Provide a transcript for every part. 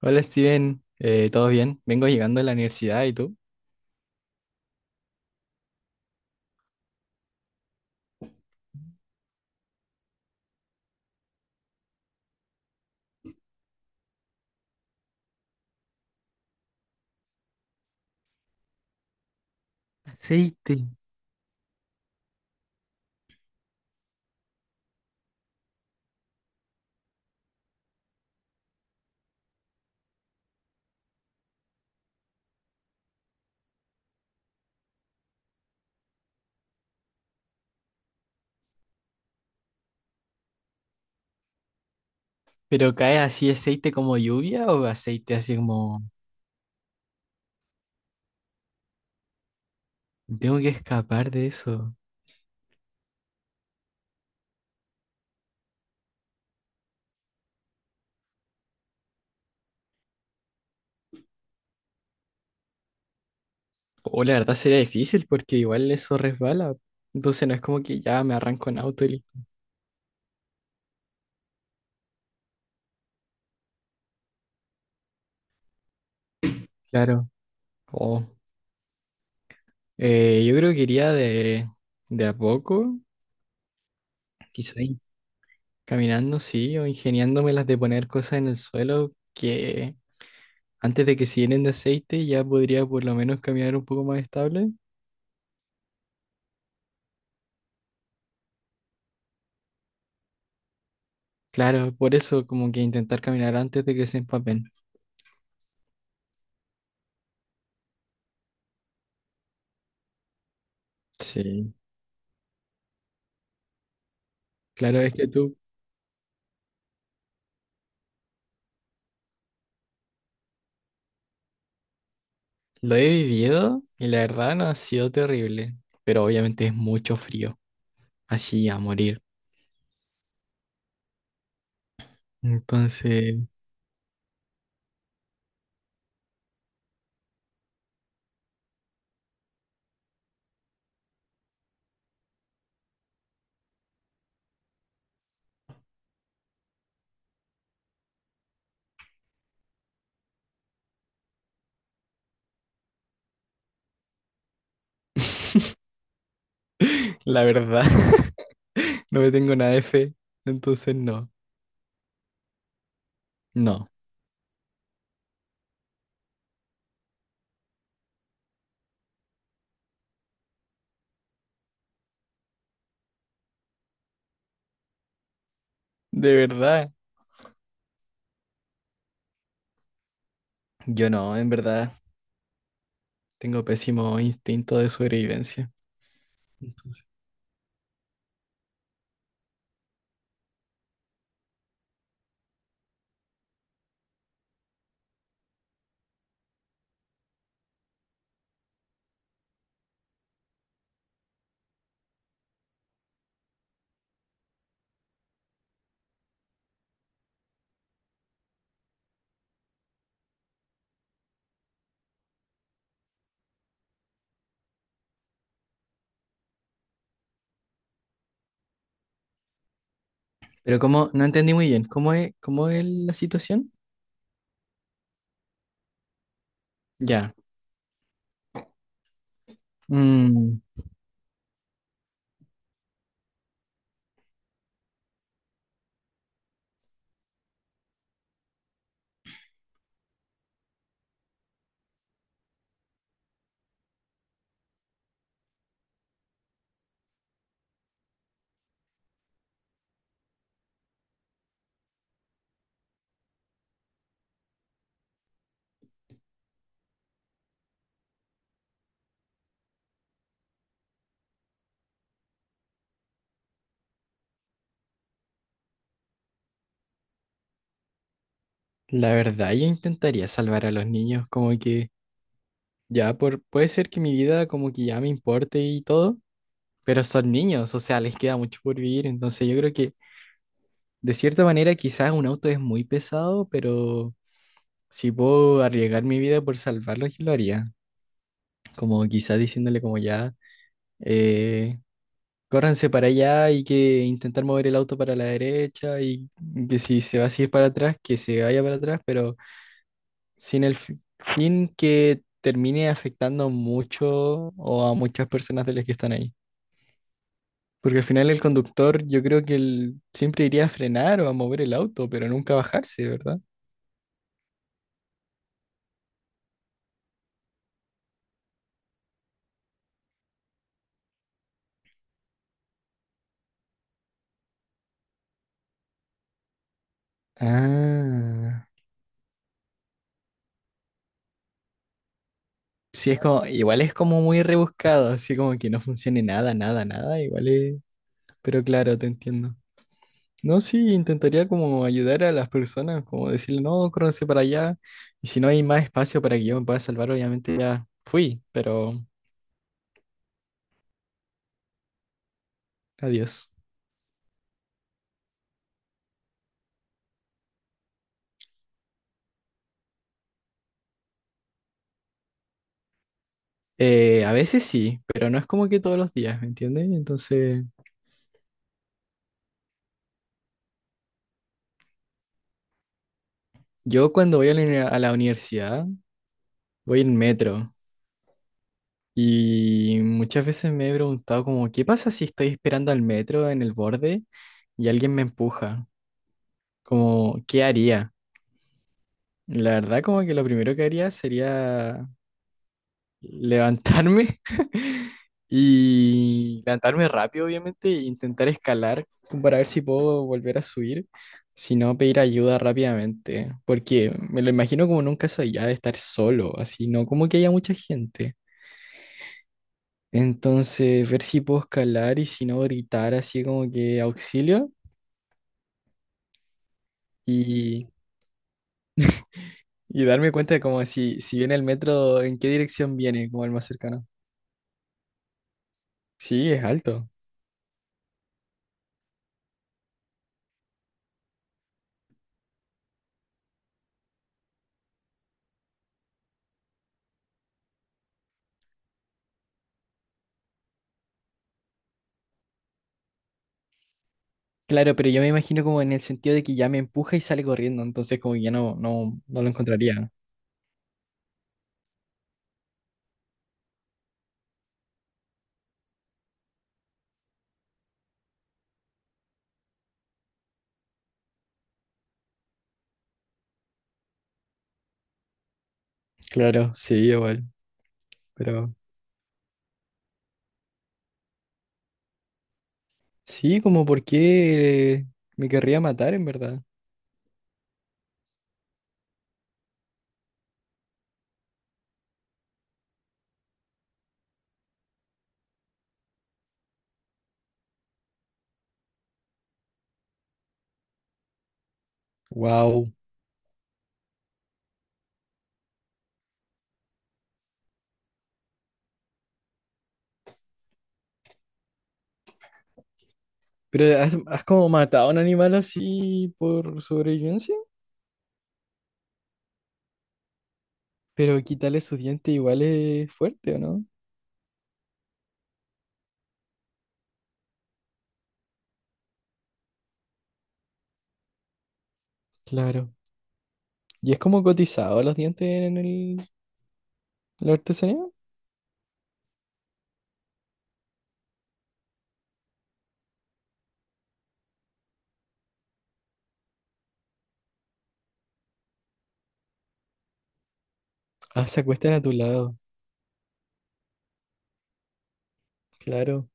Hola Steven, ¿todo bien? Vengo llegando a la universidad, ¿y tú? Aceite. ¿Pero cae así aceite como lluvia o aceite así como... Tengo que escapar de eso. O la verdad sería difícil porque igual eso resbala. Entonces no es como que ya me arranco en auto y... Claro. O yo creo que iría de a poco, quizá in- caminando, sí, o ingeniándome las de poner cosas en el suelo que antes de que se llenen de aceite ya podría por lo menos caminar un poco más estable. Claro, por eso como que intentar caminar antes de que se empapen. Sí, claro, es que tú lo he vivido y la verdad no ha sido terrible, pero obviamente es mucho frío, así a morir. Entonces, la verdad, no me tengo nada de fe, entonces no, no, de verdad, yo no, en verdad, tengo pésimo instinto de sobrevivencia. Entonces, pero como, no entendí muy bien, cómo es la situación? Ya. Mm. La verdad, yo intentaría salvar a los niños, como que ya por, puede ser que mi vida como que ya me importe y todo, pero son niños, o sea, les queda mucho por vivir, entonces yo creo que de cierta manera quizás un auto es muy pesado, pero si puedo arriesgar mi vida por salvarlos, yo lo haría, como quizás diciéndole como ya, eh, córranse para allá y que intentar mover el auto para la derecha y que si se va así para atrás, que se vaya para atrás, pero sin el fin que termine afectando mucho o a muchas personas de las que están ahí. Porque al final el conductor, yo creo que él siempre iría a frenar o a mover el auto, pero nunca a bajarse, ¿verdad? Ah, sí, es como, igual es como muy rebuscado, así como que no funcione nada, nada, nada, igual es, pero claro, te entiendo. No, sí, intentaría como ayudar a las personas, como decirle, no, córranse para allá, y si no hay más espacio para que yo me pueda salvar, obviamente ya fui, pero adiós. A veces sí, pero no es como que todos los días, ¿me entiendes? Entonces, yo cuando voy a a la universidad, voy en metro y muchas veces me he preguntado como, ¿qué pasa si estoy esperando al metro en el borde y alguien me empuja? Como, ¿qué haría? La verdad como que lo primero que haría sería levantarme y levantarme rápido, obviamente, e intentar escalar como para ver si puedo volver a subir, si no pedir ayuda rápidamente, porque me lo imagino como nunca soy ya de estar solo, así no como que haya mucha gente. Entonces, ver si puedo escalar y si no gritar así como que auxilio y, y darme cuenta de como si, si viene el metro, en qué dirección viene, como el más cercano. Sí, es alto. Claro, pero yo me imagino como en el sentido de que ya me empuja y sale corriendo, entonces como que ya no, no, no lo encontraría. Claro, sí, igual, pero sí, como por qué me querría matar en verdad. Wow. Pero has, has como matado a un animal así por sobrevivencia, pero quitarle sus dientes igual es fuerte, ¿o no? Claro. ¿Y es como cotizado los dientes en el, en la artesanía? Ah, se acuestan a tu lado, claro.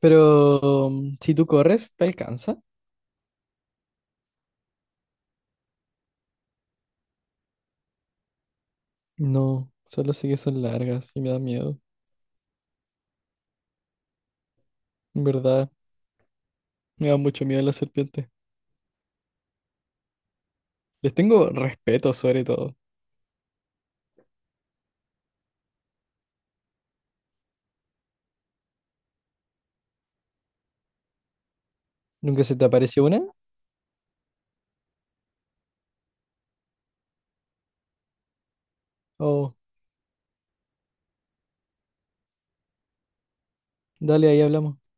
Pero mm, si tú corres, te alcanza. No, solo sé que son largas y me da miedo. En verdad, me da mucho miedo las serpientes. Les tengo respeto sobre todo. ¿Nunca se te apareció una? Oh, dale, ahí hablamos.